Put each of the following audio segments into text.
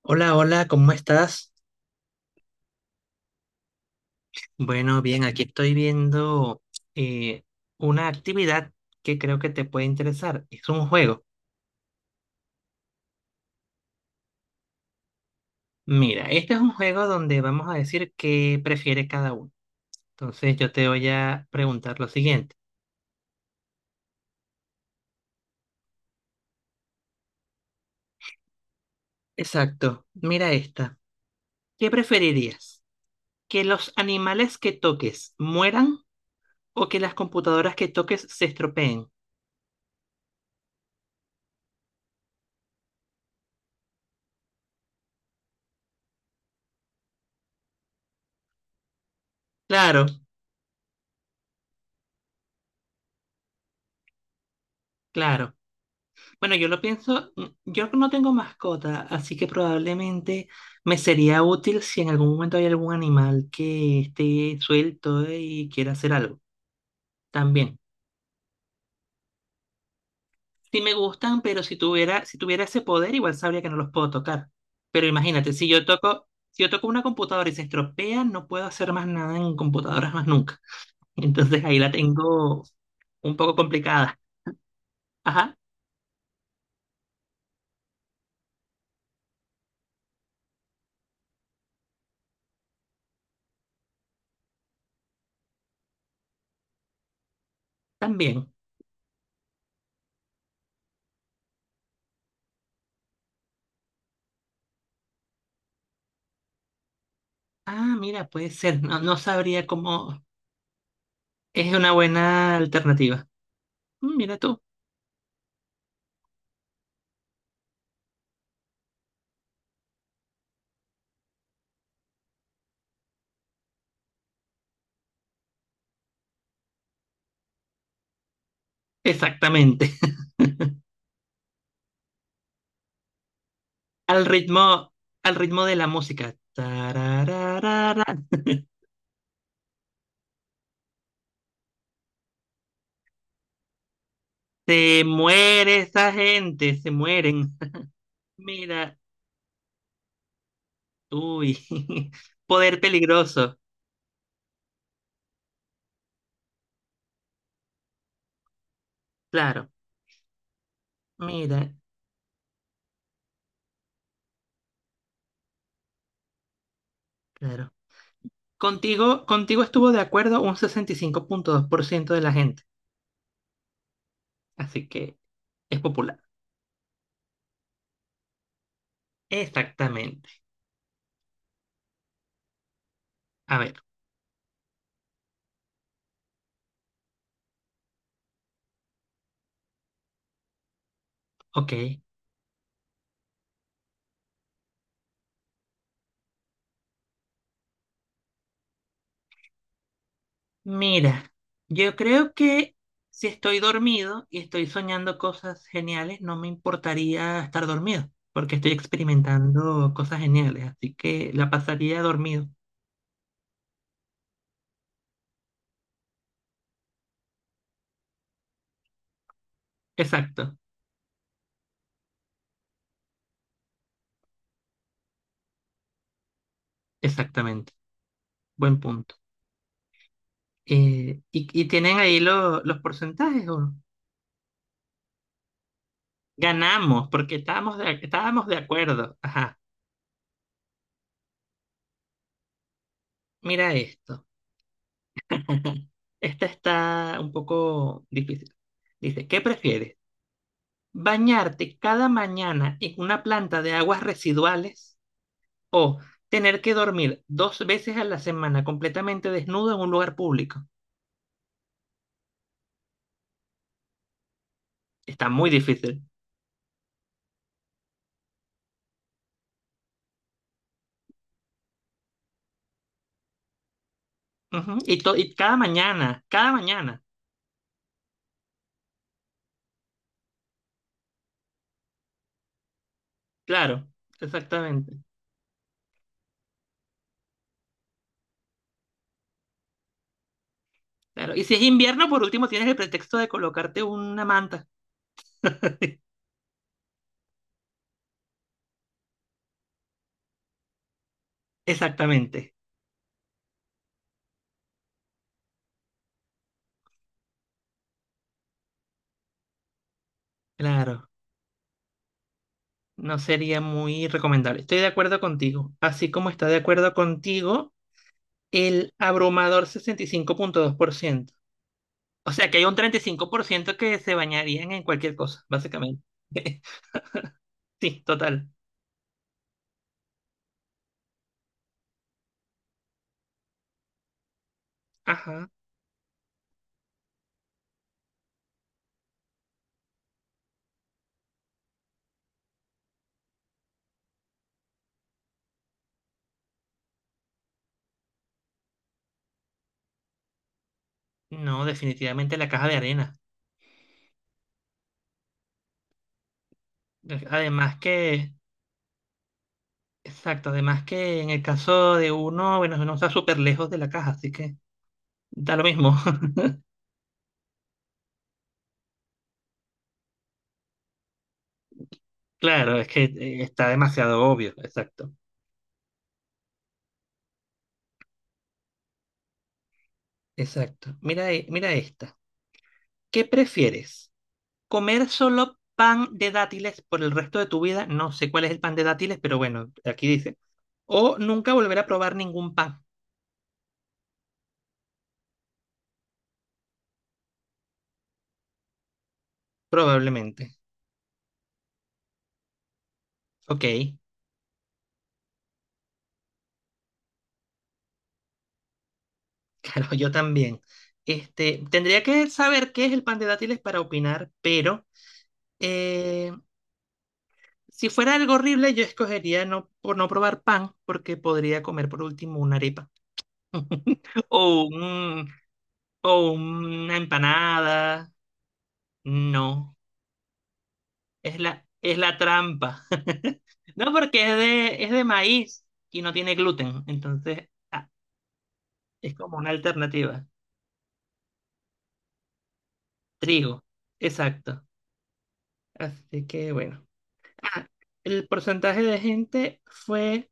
Hola, hola, ¿cómo estás? Bueno, bien, aquí estoy viendo eh, una actividad que creo que te puede interesar. Es un juego. Mira, este es un juego donde vamos a decir qué prefiere cada uno. Entonces yo te voy a preguntar lo siguiente. Exacto, mira esta. ¿Qué preferirías? ¿Que los animales que toques mueran o que las computadoras que toques se estropeen? Claro, claro. Bueno, yo lo pienso. Yo no tengo mascota, así que probablemente me sería útil si en algún momento hay algún animal que esté suelto y quiera hacer algo. También. Sí me gustan, pero si tuviera ese poder, igual sabría que no los puedo tocar. Pero imagínate, si yo toco una computadora y se estropea, no puedo hacer más nada en computadoras más nunca. Entonces ahí la tengo un poco complicada. Ajá, también. Ah, mira, puede ser. No, no sabría cómo. Es una buena alternativa. Mm, mira tú. Exactamente. Al ritmo, al ritmo de la música. Tarararara. Se muere esa gente, se mueren. Mira, uy. Poder peligroso. Claro. Mira, claro. Contigo estuvo de acuerdo un 65,2% de la gente. Así que es popular. Exactamente. A ver, ok. Mira, yo creo que si estoy dormido y estoy soñando cosas geniales, no me importaría estar dormido, porque estoy experimentando cosas geniales, así que la pasaría dormido. Exacto, exactamente. Buen punto. Y tienen ahí los porcentajes, ¿o no? Ganamos, porque estábamos de acuerdo. Ajá, mira esto. Esta está un poco difícil. Dice, ¿qué prefieres? Bañarte cada mañana en una planta de aguas residuales o tener que dormir dos veces a la semana completamente desnudo en un lugar público. Está muy difícil. Ujú, y, y cada mañana, cada mañana. Claro, exactamente. Claro. Y si es invierno, por último, tienes el pretexto de colocarte una manta. Exactamente. Claro. No sería muy recomendable. Estoy de acuerdo contigo. Así como está de acuerdo contigo el abrumador 65,2%. O sea que hay un 35% que se bañarían en cualquier cosa, básicamente. Sí, total. Ajá. No, definitivamente la caja de arena. Además que, exacto, además que en el caso de uno, bueno, uno está súper lejos de la caja, así que da lo mismo. Claro, es que está demasiado obvio, exacto. Exacto. Mira, mira esta. ¿Qué prefieres? Comer solo pan de dátiles por el resto de tu vida, no sé cuál es el pan de dátiles, pero bueno, aquí dice. O nunca volver a probar ningún pan, probablemente. Ok, claro, yo también. Este, tendría que saber qué es el pan de dátiles para opinar, pero eh, si fuera algo horrible, yo escogería no, por no probar pan, porque podría comer por último una arepa. O o una empanada. No. Es la trampa. No, porque es de maíz y no tiene gluten. Entonces, es como una alternativa. Trigo. Exacto. Así que bueno. Ah, el porcentaje de gente fue.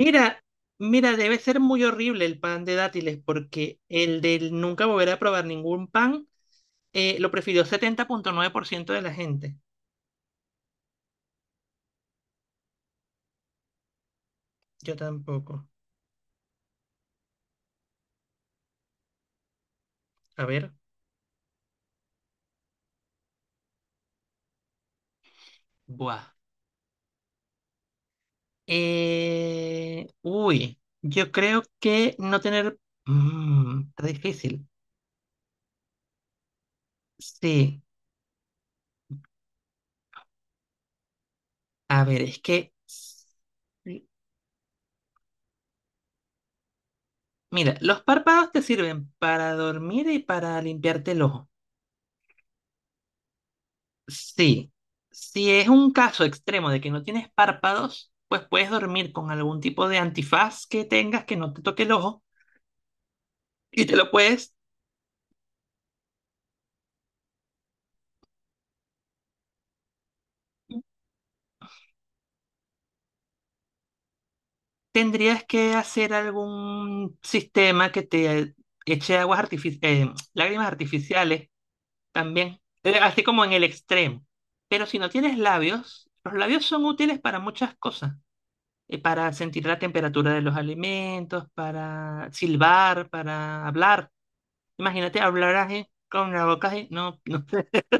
Mira, debe ser muy horrible el pan de dátiles, porque el del nunca volver a probar ningún pan lo prefirió 70,9% de la gente. Yo tampoco. A ver. Buah. Uy, yo creo que no tener... Mm, está difícil. Sí, a ver, es que... sí, mira, los párpados te sirven para dormir y para limpiarte el ojo. Sí, si es un caso extremo de que no tienes párpados, pues puedes dormir con algún tipo de antifaz que tengas que no te toque el ojo y te lo puedes... Tendrías que hacer algún sistema que te eche aguas lágrimas artificiales también, así como en el extremo. Pero si no tienes labios, los labios son útiles para muchas cosas, para sentir la temperatura de los alimentos, para silbar, para hablar. Imagínate hablar así con la boca así, no, no.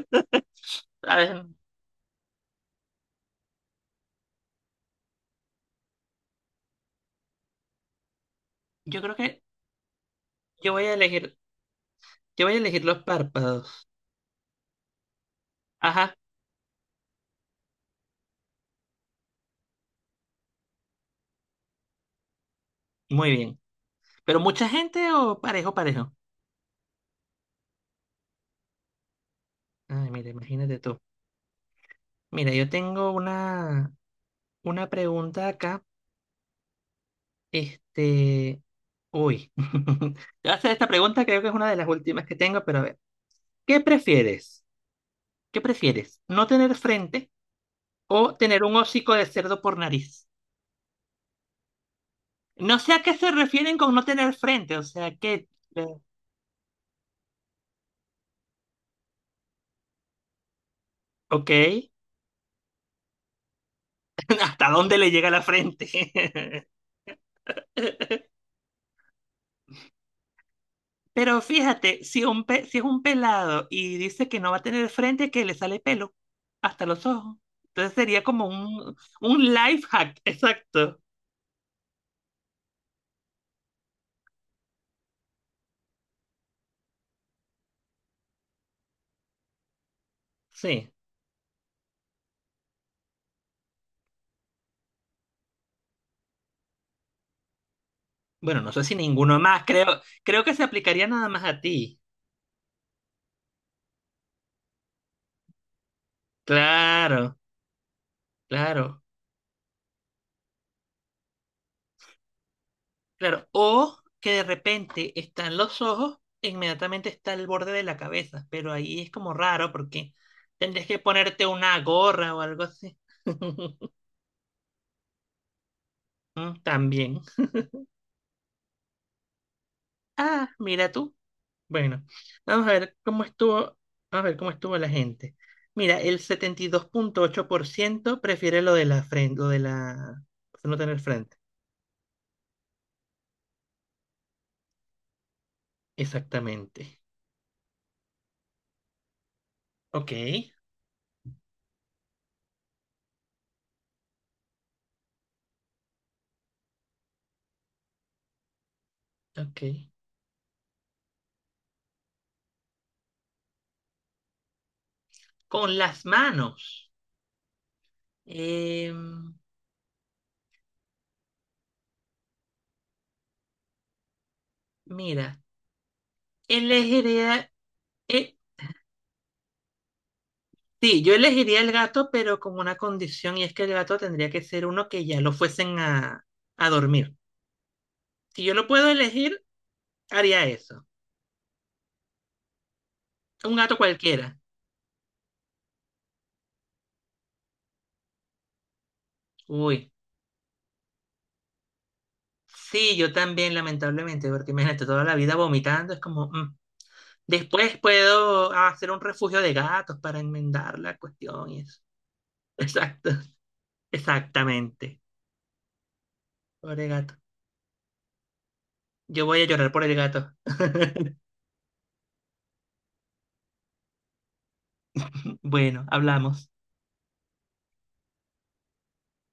A ver, yo creo que yo voy a elegir, yo voy a elegir los párpados. Ajá, muy bien. Pero mucha gente o parejo, parejo. Ay, mira, imagínate tú. Mira, yo tengo una pregunta acá. Este, uy, te voy a hacer esta pregunta, creo que es una de las últimas que tengo, pero a ver, ¿qué prefieres? ¿Qué prefieres? ¿No tener frente o tener un hocico de cerdo por nariz? No sé a qué se refieren con no tener frente, o sea, que, eh, ok, ¿hasta dónde le llega la frente? Pero fíjate, si, si es un pelado y dice que no va a tener frente, que le sale pelo hasta los ojos. Entonces sería como un life hack, exacto. Sí. Bueno, no sé si ninguno más, creo que se aplicaría nada más a ti. Claro, claro, claro. O que de repente están los ojos, e inmediatamente está el borde de la cabeza, pero ahí es como raro porque tendrías que ponerte una gorra o algo así. Mm, también. Ah, mira tú. Bueno, vamos a ver cómo estuvo la gente. Mira, el 72,8% prefiere lo de la frente, lo de la no tener frente. Exactamente. Ok, ok. Con las manos. Em, mira, elegiría, eh, sí, yo elegiría el gato, pero con una condición, y es que el gato tendría que ser uno que ya lo fuesen a dormir. Si yo lo puedo elegir, haría eso. Un gato cualquiera. Uy. Sí, yo también, lamentablemente, porque imagínate toda la vida vomitando, es como, mm. Después puedo hacer un refugio de gatos para enmendar la cuestión y eso. Exacto, exactamente. Pobre gato. Yo voy a llorar por el gato. Bueno, hablamos.